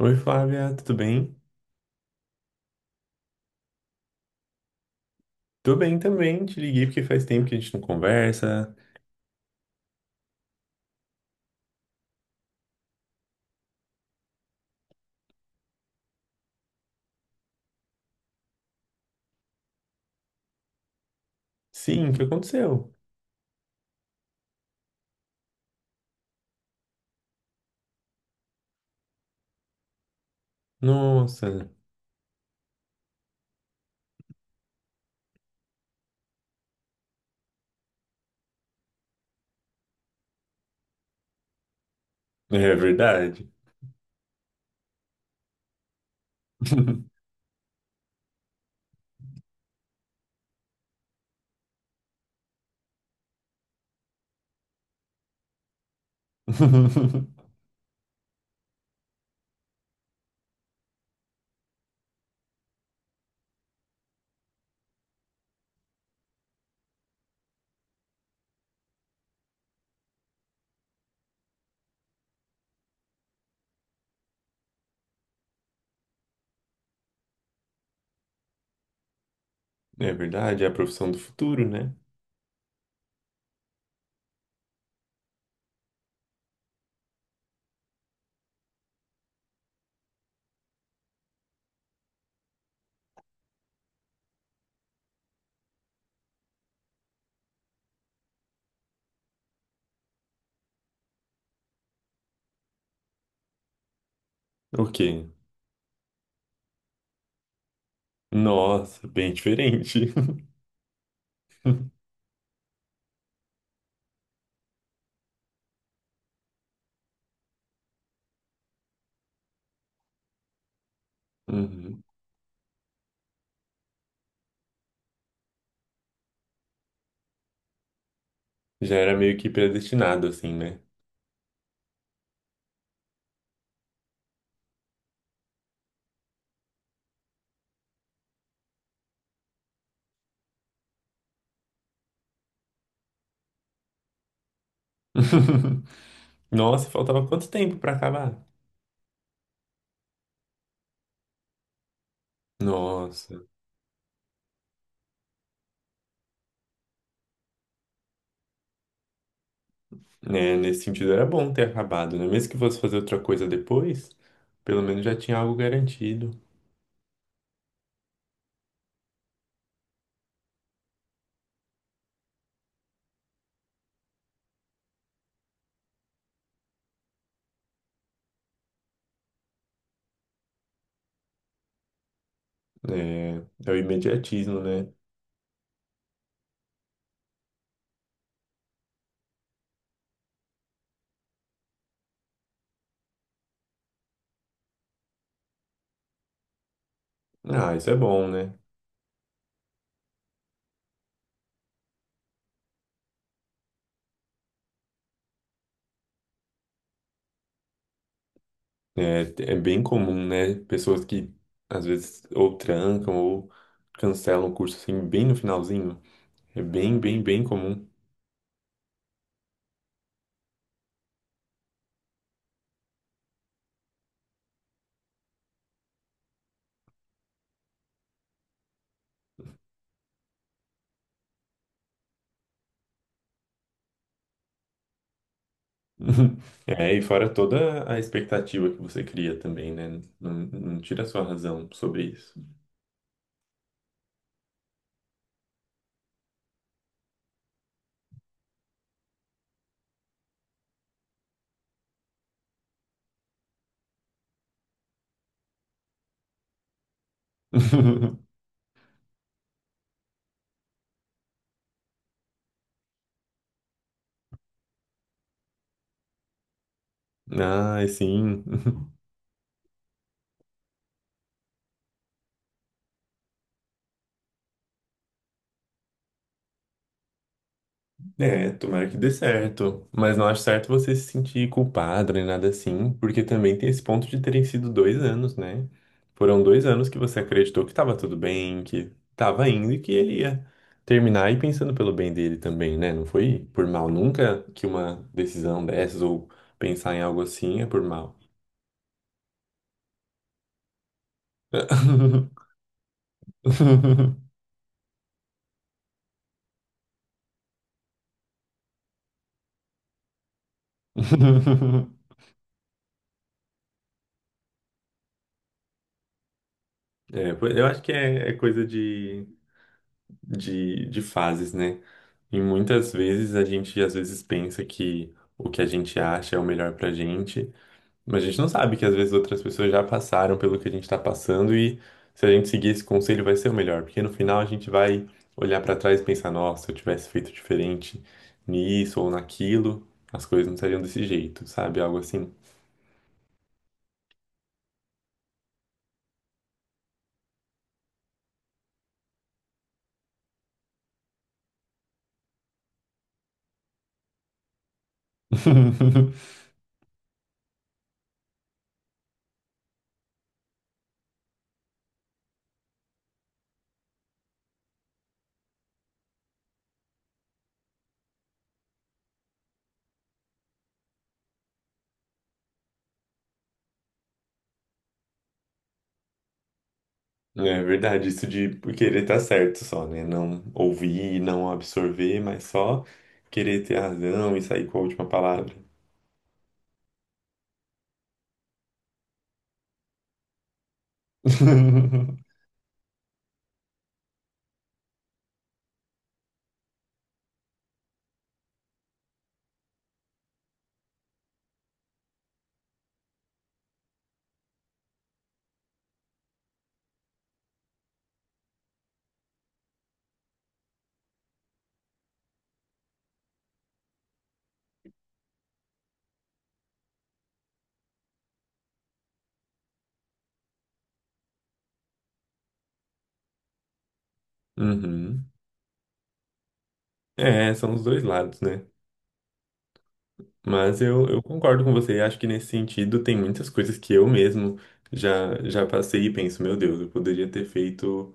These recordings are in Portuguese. Oi, Flávia, tudo bem? Tô bem também, te liguei porque faz tempo que a gente não conversa. Sim, o que aconteceu? Nossa, é verdade. É verdade, é a profissão do futuro, né? O quê? Nossa, bem diferente. Uhum. Já era meio que predestinado, assim, né? Nossa, faltava quanto tempo pra acabar? Nossa, né? Nesse sentido era bom ter acabado, né? Mesmo que fosse fazer outra coisa depois, pelo menos já tinha algo garantido. É, é o imediatismo, né? Ah, isso é bom, né? É, é bem comum, né? Pessoas que às vezes ou trancam ou cancelam o curso assim bem no finalzinho. É bem, bem, bem comum. É, e fora toda a expectativa que você cria também, né? Não, não tira a sua razão sobre isso. Ai, sim. É, tomara que dê certo. Mas não acho certo você se sentir culpado nem nada assim, porque também tem esse ponto de terem sido 2 anos, né? Foram 2 anos que você acreditou que tava tudo bem, que tava indo e que ele ia terminar e pensando pelo bem dele também, né? Não foi por mal nunca que uma decisão dessas ou pensar em algo assim é por mal. É, pois eu acho que é, é coisa de fases, né? E muitas vezes a gente às vezes pensa que o que a gente acha é o melhor pra gente, mas a gente não sabe que às vezes outras pessoas já passaram pelo que a gente tá passando e se a gente seguir esse conselho vai ser o melhor, porque no final a gente vai olhar pra trás e pensar, nossa, se eu tivesse feito diferente nisso ou naquilo, as coisas não seriam desse jeito, sabe? Algo assim. É verdade, isso de querer estar certo só, né? Não ouvir, não absorver, mas só querer ter razão e sair com a última palavra. Uhum. É, são os dois lados, né? Mas eu concordo com você. Acho que nesse sentido tem muitas coisas que eu mesmo já passei e penso, meu Deus, eu poderia ter feito.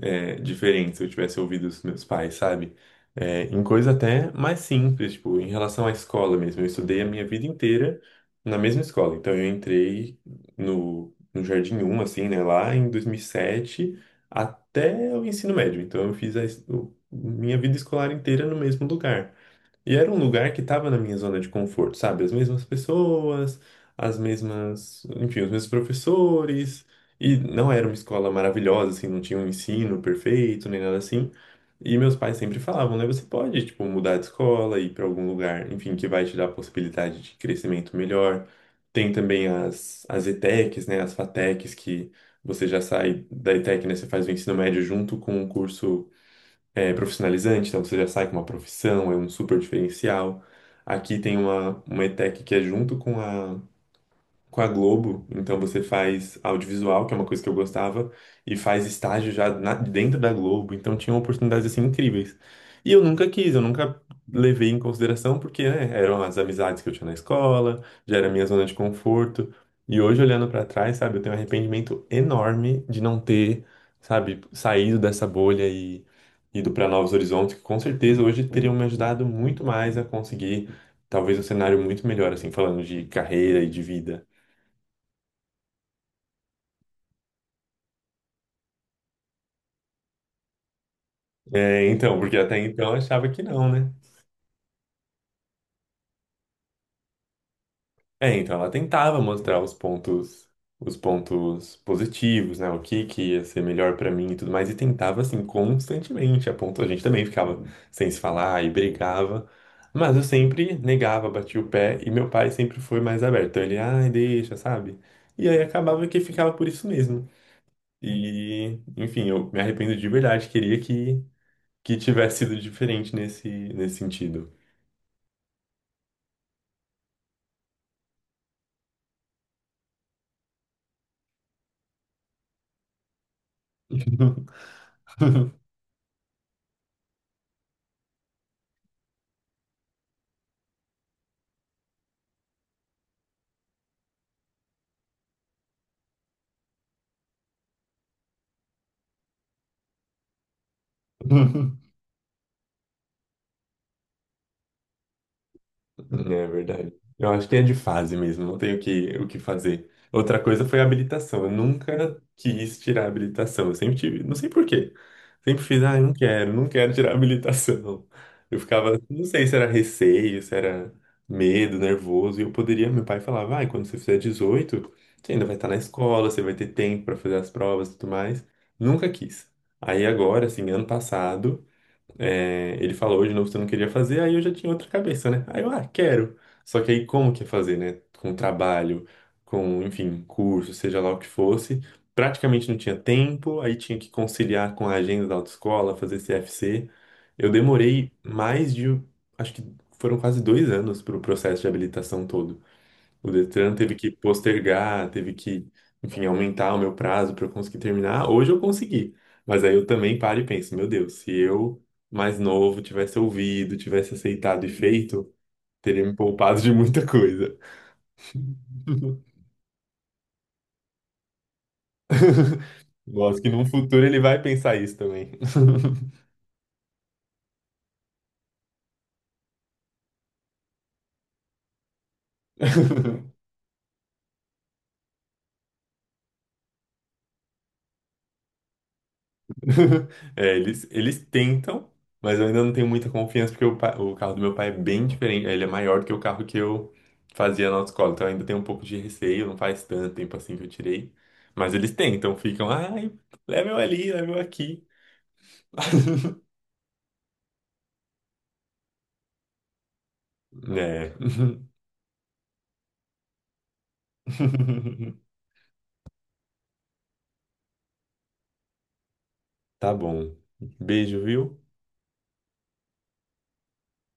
É diferente se eu tivesse ouvido os meus pais, sabe? É, em coisa até mais simples, tipo, em relação à escola mesmo. Eu estudei a minha vida inteira na mesma escola. Então, eu entrei no Jardim 1, assim, né, lá em 2007 até o ensino médio. Então, eu fiz minha vida escolar inteira no mesmo lugar. E era um lugar que estava na minha zona de conforto, sabe? As mesmas pessoas, as mesmas, enfim, os mesmos professores. E não era uma escola maravilhosa, assim, não tinha um ensino perfeito, nem nada assim. E meus pais sempre falavam, né? Você pode, tipo, mudar de escola, ir para algum lugar, enfim, que vai te dar a possibilidade de crescimento melhor. Tem também as ETECs, né? As FATECs, que você já sai da ETEC, né? Você faz o ensino médio junto com o curso é, profissionalizante, então você já sai com uma profissão, é um super diferencial. Aqui tem uma ETEC que é junto com a Globo, então você faz audiovisual, que é uma coisa que eu gostava, e faz estágio dentro da Globo, então tinha oportunidades assim incríveis. E eu nunca quis, eu nunca levei em consideração porque, né, eram as amizades que eu tinha na escola, já era a minha zona de conforto. E hoje olhando pra trás, sabe, eu tenho um arrependimento enorme de não ter, sabe, saído dessa bolha e ido para novos horizontes, que com certeza hoje teriam me ajudado muito mais a conseguir talvez um cenário muito melhor assim, falando de carreira e de vida. É, então, porque até então eu achava que não, né? É, então ela tentava mostrar os pontos positivos, né? O que que ia ser melhor pra mim e tudo mais, e tentava assim constantemente, a ponto a gente também ficava sem se falar e brigava, mas eu sempre negava, batia o pé e meu pai sempre foi mais aberto. Então ele, ai, deixa, sabe? E aí acabava que ficava por isso mesmo. E, enfim, eu me arrependo de verdade, queria que tivesse sido diferente nesse sentido. É verdade. Eu acho que é de fase mesmo, não tenho o que fazer. Outra coisa foi a habilitação. Eu nunca quis tirar a habilitação. Eu sempre tive, não sei por quê. Sempre fiz, ah, eu não quero, não quero tirar a habilitação. Eu ficava, não sei se era receio, se era medo, nervoso. E eu poderia, meu pai falava, vai, quando você fizer 18, você ainda vai estar na escola, você vai ter tempo para fazer as provas e tudo mais. Nunca quis. Aí agora, assim, ano passado. É, ele falou, hoje de novo você não queria fazer, aí eu já tinha outra cabeça, né? Aí eu, ah, quero. Só que aí como que é fazer, né? Com trabalho, com, enfim, curso, seja lá o que fosse. Praticamente não tinha tempo, aí tinha que conciliar com a agenda da autoescola, fazer CFC. Eu demorei mais de, acho que foram quase 2 anos para o processo de habilitação todo. O Detran teve que postergar, teve que, enfim, aumentar o meu prazo para eu conseguir terminar. Hoje eu consegui, mas aí eu também paro e penso, meu Deus, se eu mais novo tivesse ouvido, tivesse aceitado e feito, teria me poupado de muita coisa. Gosto que num futuro ele vai pensar isso também. É, eles tentam, mas eu ainda não tenho muita confiança porque o carro do meu pai é bem diferente. Ele é maior do que o carro que eu fazia na autoescola. Então eu ainda tenho um pouco de receio, não faz tanto tempo assim que eu tirei. Mas eles tentam, ficam, ai, leva eu ali, leva eu aqui. É. Tá bom. Beijo, viu?